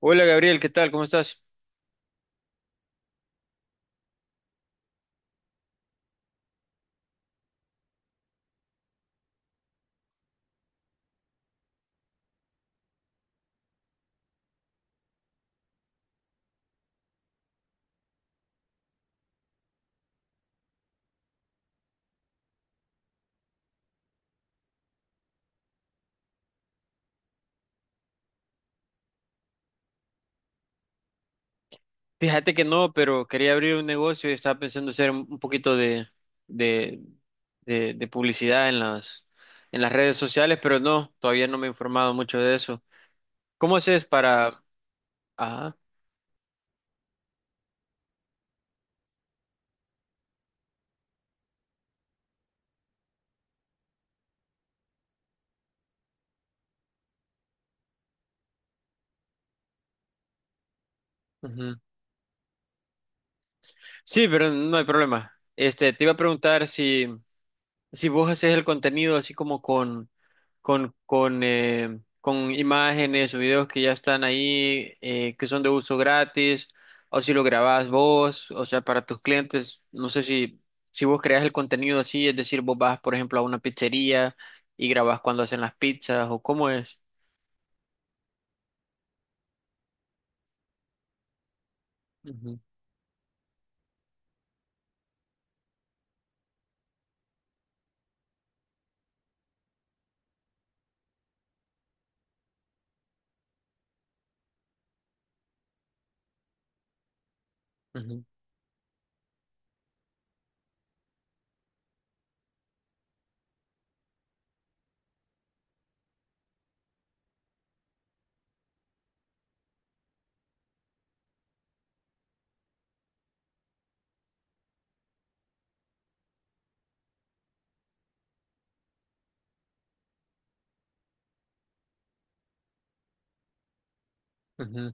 Hola Gabriel, ¿qué tal? ¿Cómo estás? Fíjate que no, pero quería abrir un negocio y estaba pensando hacer un poquito de, de publicidad en en las redes sociales, pero no, todavía no me he informado mucho de eso. ¿Cómo haces para...? Ajá, ujú. Sí, pero no hay problema. Este, te iba a preguntar si si vos haces el contenido así como con imágenes o videos que ya están ahí, que son de uso gratis, o si lo grabás vos, o sea, para tus clientes, no sé si, si vos creas el contenido así, es decir, vos vas, por ejemplo, a una pizzería y grabás cuando hacen las pizzas, o cómo es. Ujú, ujú, ujú,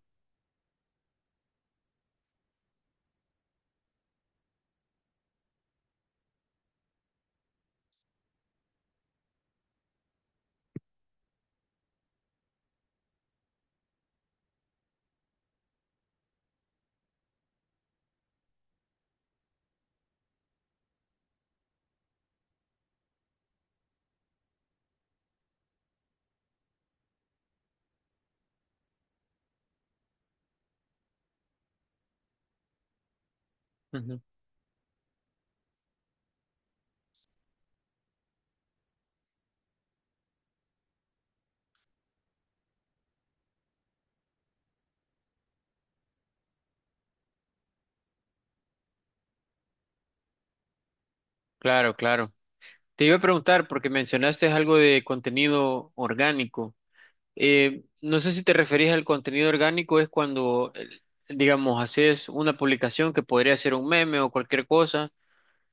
ujú. Claro, claro. Te iba a preguntar, porque mencionaste algo de contenido orgánico. No sé si te referís al contenido orgánico, es cuando, digamos, haces una publicación que podría ser un meme o cualquier cosa,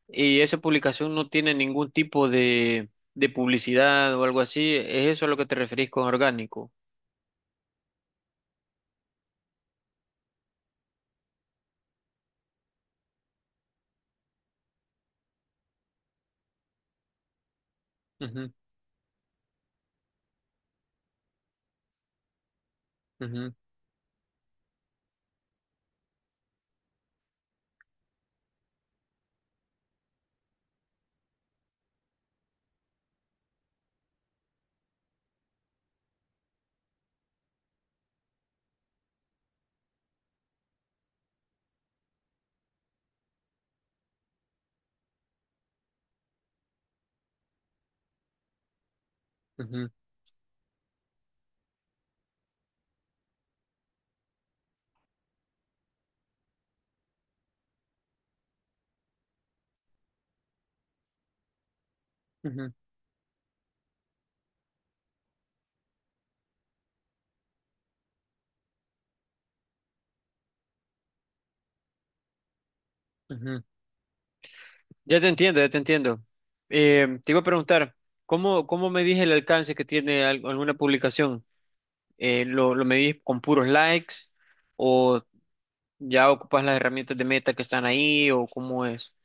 y esa publicación no tiene ningún tipo de publicidad o algo así. ¿Es eso a lo que te referís con orgánico? Ujú, ujú, ujú, ujú, ujú. Ya te entiendo, ya te entiendo. Te iba a preguntar, ¿cómo, cómo medís el alcance que tiene alguna publicación? ¿Lo, lo medís con puros likes? ¿O ya ocupas las herramientas de meta que están ahí o cómo es?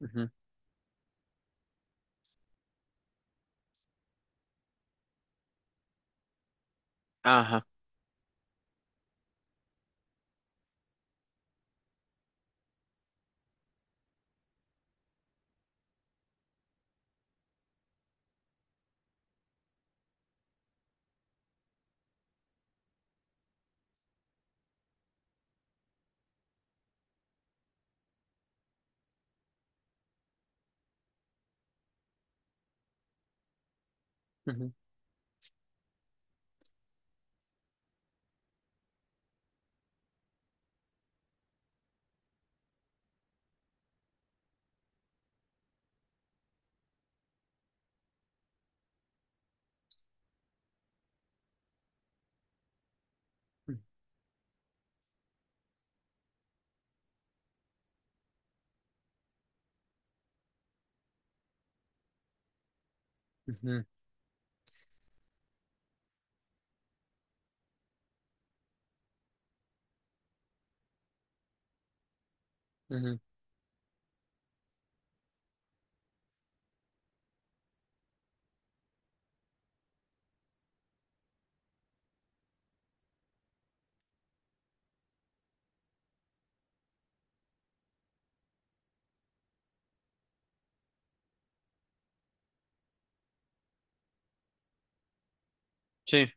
Ujú. Ajá. Ujú, ujú, ujú, ujú. Sí.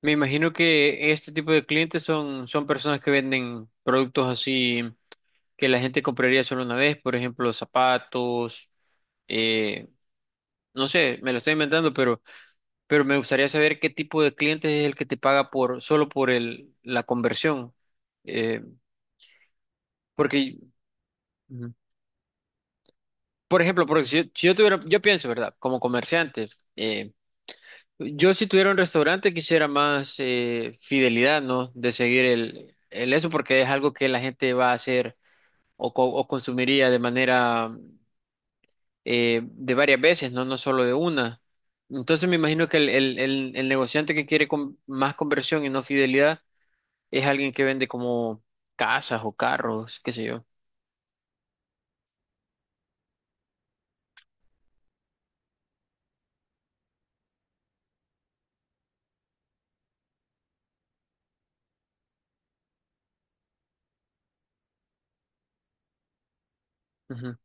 Me imagino que este tipo de clientes son, son personas que venden productos así que la gente compraría solo una vez, por ejemplo, zapatos, eh, no sé, me lo estoy inventando, pero me gustaría saber qué tipo de cliente es el que te paga por, solo por el, la conversión. Eh, porque, ujú, por ejemplo, porque si, yo si yo tuviera, yo pienso, ¿verdad? Como comerciante, yo si tuviera un restaurante quisiera más fidelidad, ¿no? De seguir el eso porque es algo que la gente va a hacer o, o consumiría de manera de varias veces, ¿no? No solo de una. Entonces me imagino que el negociante que quiere más conversión y no fidelidad es alguien que vende como casas o carros, qué sé yo. Ujú,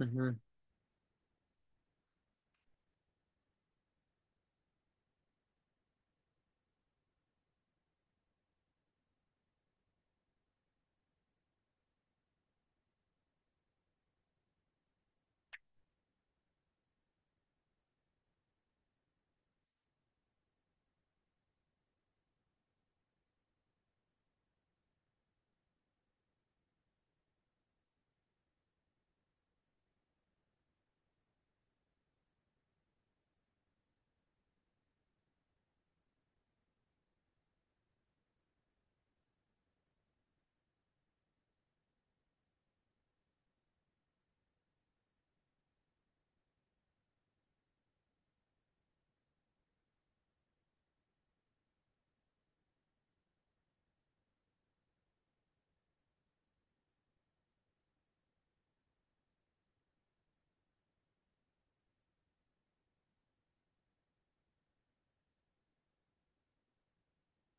ujú,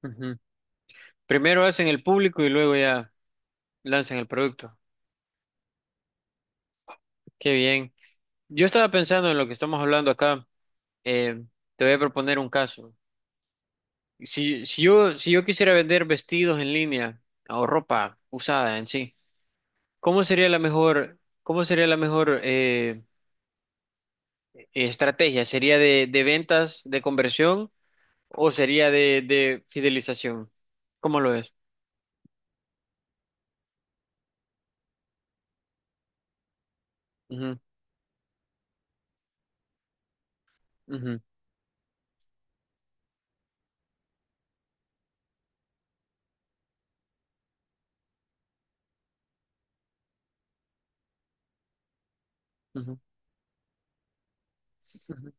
ujú. Primero hacen el público y luego ya lanzan el producto. Qué bien. Yo estaba pensando en lo que estamos hablando acá. Eh, Te voy a proponer un caso. Si, si yo quisiera vender vestidos en línea o ropa usada en sí, ¿cómo sería la mejor, cómo sería la mejor estrategia? ¿Sería de ventas, de conversión o sería de fidelización? ¿Cómo lo es? Ujú, ujú, ujú, ujú,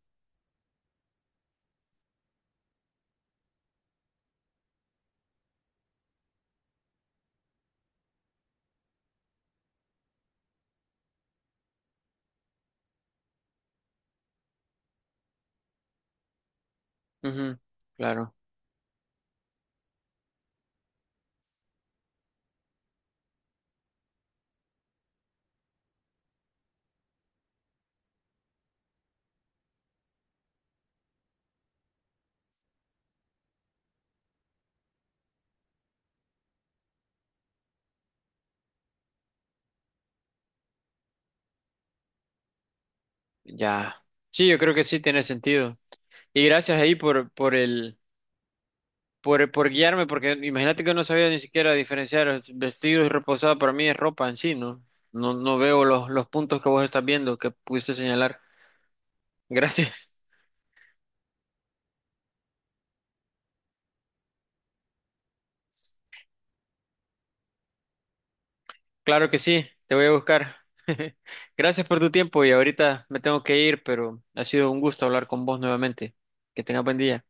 ujú. Claro, ya. Sí, yo creo que sí tiene sentido. Y gracias ahí por el... por guiarme, porque imagínate que no sabía ni siquiera diferenciar vestidos y reposado, para mí es ropa en sí, ¿no? No, no veo los puntos que vos estás viendo que pudiste señalar. Gracias. Claro que sí, te voy a buscar. Gracias por tu tiempo y ahorita me tengo que ir, pero ha sido un gusto hablar con vos nuevamente. Que tengas buen día.